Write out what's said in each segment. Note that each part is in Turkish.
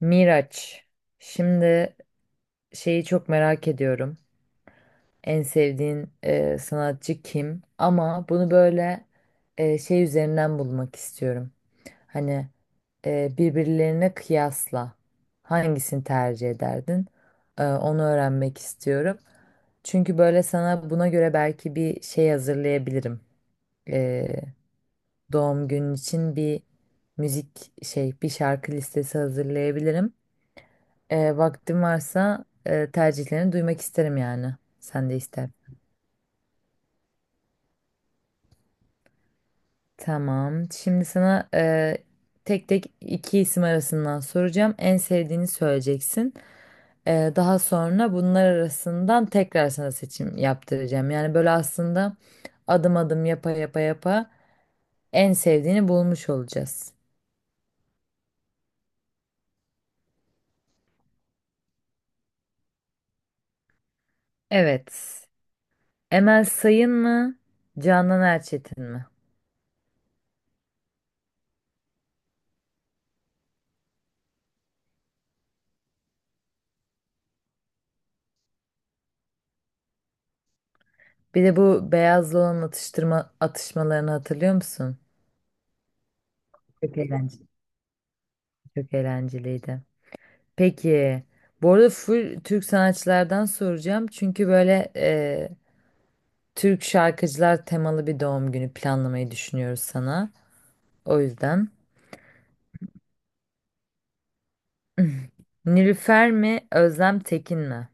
Miraç, şimdi şeyi çok merak ediyorum. En sevdiğin sanatçı kim? Ama bunu böyle şey üzerinden bulmak istiyorum. Hani birbirlerine kıyasla hangisini tercih ederdin? Onu öğrenmek istiyorum. Çünkü böyle sana buna göre belki bir şey hazırlayabilirim. E, Doğum günün için bir müzik şey, bir şarkı listesi hazırlayabilirim. Vaktim varsa tercihlerini duymak isterim yani. Sen de ister. Tamam. Şimdi sana tek tek iki isim arasından soracağım. En sevdiğini söyleyeceksin. Daha sonra bunlar arasından tekrar sana seçim yaptıracağım. Yani böyle aslında adım adım yapa yapa yapa en sevdiğini bulmuş olacağız. Evet. Emel Sayın mı? Canan Erçetin mi? Bir de bu beyazlı olan atıştırma atışmalarını hatırlıyor musun? Çok eğlenceli. Çok eğlenceliydi. Peki, bu arada full Türk sanatçılardan soracağım. Çünkü böyle Türk şarkıcılar temalı bir doğum günü planlamayı düşünüyoruz sana. O yüzden. Nilüfer mi, Özlem Tekin mi?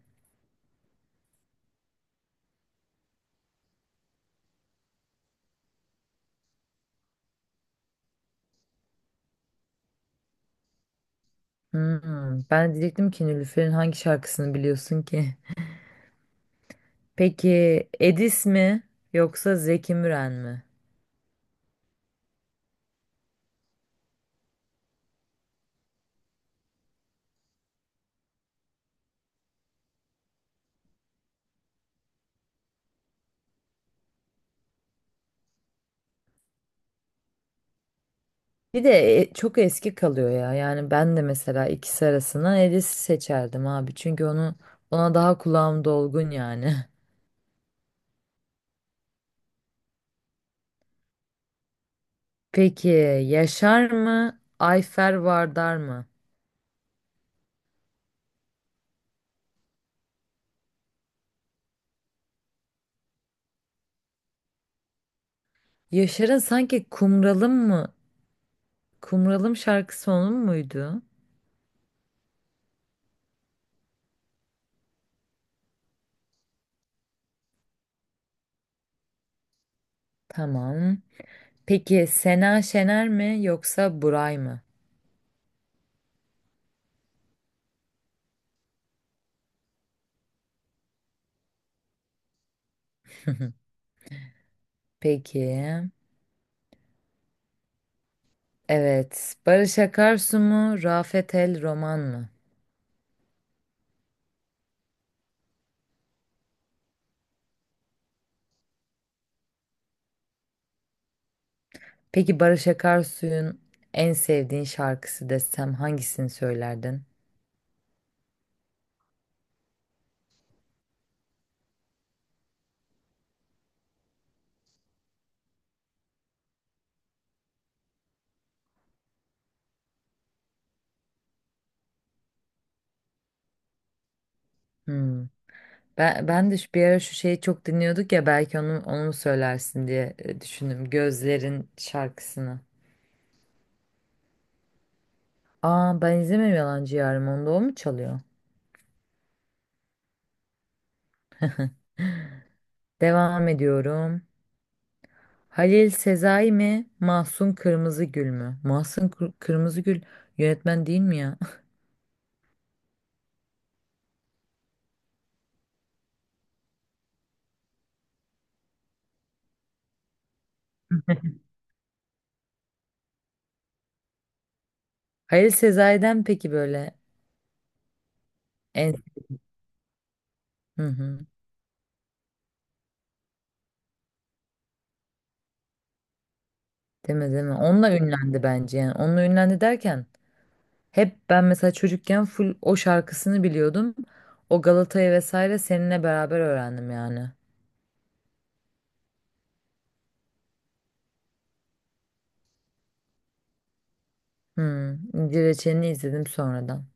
Hmm, ben de diyecektim ki Nilüfer'in hangi şarkısını biliyorsun ki? Peki, Edis mi yoksa Zeki Müren mi? Bir de çok eski kalıyor ya. Yani ben de mesela ikisi arasından Elis'i seçerdim abi. Çünkü ona daha kulağım dolgun yani. Peki Yaşar mı? Ayfer Vardar mı? Yaşar'ın sanki Kumralım mı? Kumralım şarkısı onun muydu? Tamam. Peki Sena Şener mi yoksa Buray mı? Peki. Evet. Barış Akarsu mu? Rafet El Roman mı? Peki Barış Akarsu'nun en sevdiğin şarkısı desem hangisini söylerdin? Hmm. Ben de bir ara şu şeyi çok dinliyorduk ya belki onu mu söylersin diye düşündüm. Gözlerin şarkısını. Aa ben izlemiyorum Yalancı Yarım onda o mu çalıyor? Devam ediyorum. Halil Sezai mi? Mahsun Kırmızıgül mü? Kırmızıgül yönetmen değil mi ya? Halil Sezai'den peki böyle en... Hı hı. Deme deme. Onunla ünlendi bence yani. Onunla ünlendi derken hep ben mesela çocukken full o şarkısını biliyordum. O Galata'yı vesaire seninle beraber öğrendim yani. Hmm, İnci Reçeli'ni izledim sonradan.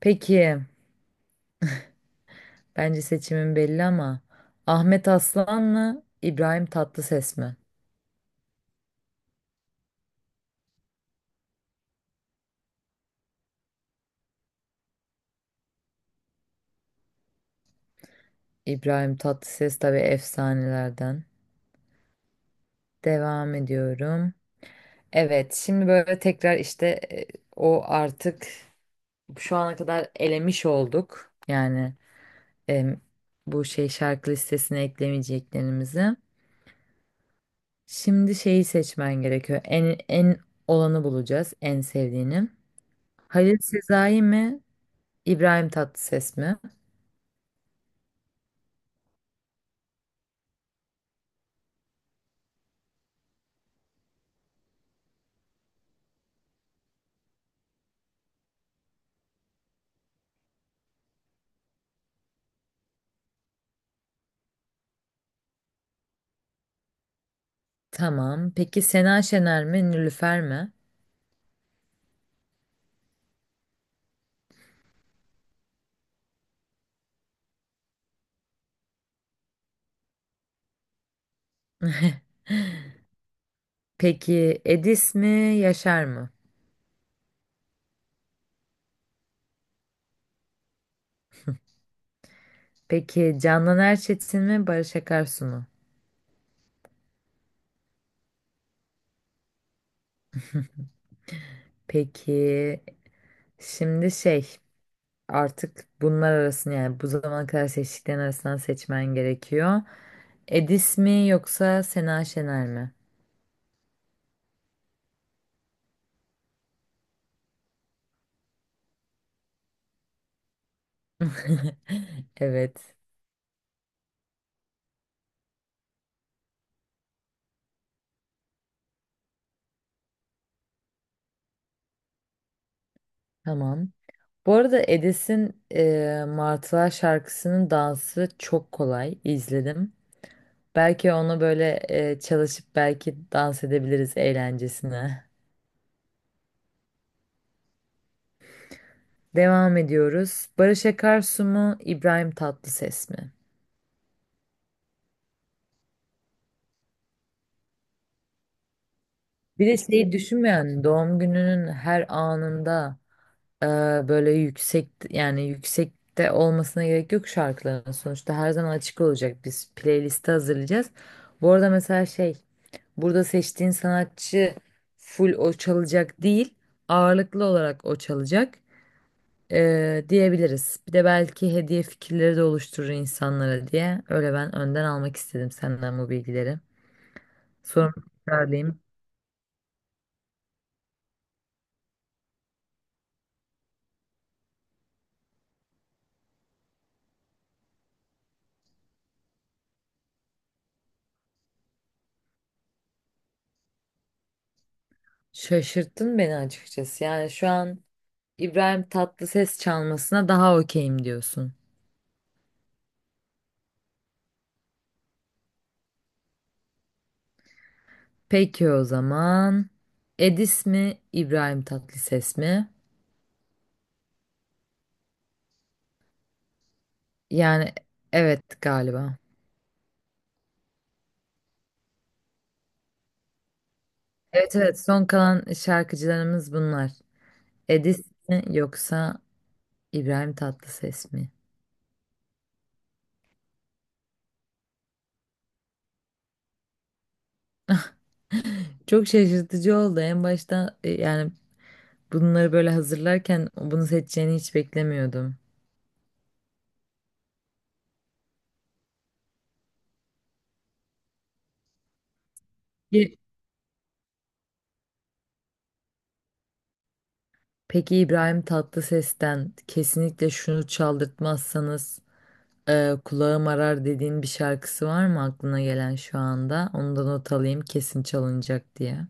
Peki, bence seçimin belli ama Ahmet Aslan mı, İbrahim Tatlıses mi? İbrahim Tatlıses tabii efsanelerden. Devam ediyorum. Evet, şimdi böyle tekrar işte o artık şu ana kadar elemiş olduk. Yani em, bu şey şarkı listesine eklemeyeceklerimizi. Şimdi şeyi seçmen gerekiyor. En olanı bulacağız, en sevdiğini. Halil Sezai mi, İbrahim Tatlıses mi? Tamam. Peki Sena Şener mi, Nilüfer mi? Peki Edis mi, Yaşar mı? Peki Candan Erçetin mi, Barış Akarsu mu? Peki şimdi şey artık bunlar arasında yani bu zamana kadar seçtiklerin arasından seçmen gerekiyor. Edis mi yoksa Sena Şener mi? Evet. Tamam. Bu arada Edis'in Martılar şarkısının dansı çok kolay. İzledim. Belki onu böyle çalışıp belki dans edebiliriz eğlencesine. Devam ediyoruz. Barış Akarsu mu, İbrahim Tatlıses mi? Bir de şeyi düşünmeyen doğum gününün her anında e, böyle yüksek yani yüksekte olmasına gerek yok şarkıların sonuçta her zaman açık olacak biz playlisti hazırlayacağız. Bu arada mesela şey burada seçtiğin sanatçı full o çalacak değil ağırlıklı olarak o çalacak diyebiliriz. Bir de belki hediye fikirleri de oluşturur insanlara diye öyle ben önden almak istedim senden bu bilgileri. Sonra tekrarlayayım. Şaşırttın beni açıkçası yani şu an İbrahim Tatlıses çalmasına daha okeyim diyorsun. Peki o zaman. Edis mi, İbrahim Tatlıses mi? Yani evet galiba. Evet evet son kalan şarkıcılarımız bunlar. Edis mi yoksa İbrahim Tatlıses mi? Çok şaşırtıcı oldu. En başta yani bunları böyle hazırlarken bunu seçeceğini hiç beklemiyordum. Ye- Peki İbrahim Tatlıses'ten kesinlikle şunu çaldırtmazsanız kulağım arar dediğin bir şarkısı var mı aklına gelen şu anda? Onu da not alayım kesin çalınacak diye.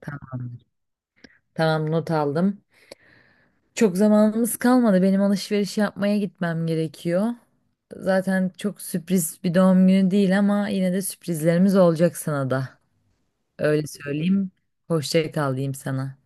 Tamam, tamam not aldım. Çok zamanımız kalmadı. Benim alışveriş yapmaya gitmem gerekiyor. Zaten çok sürpriz bir doğum günü değil ama yine de sürprizlerimiz olacak sana da. Öyle söyleyeyim. Hoşça kal diyeyim sana.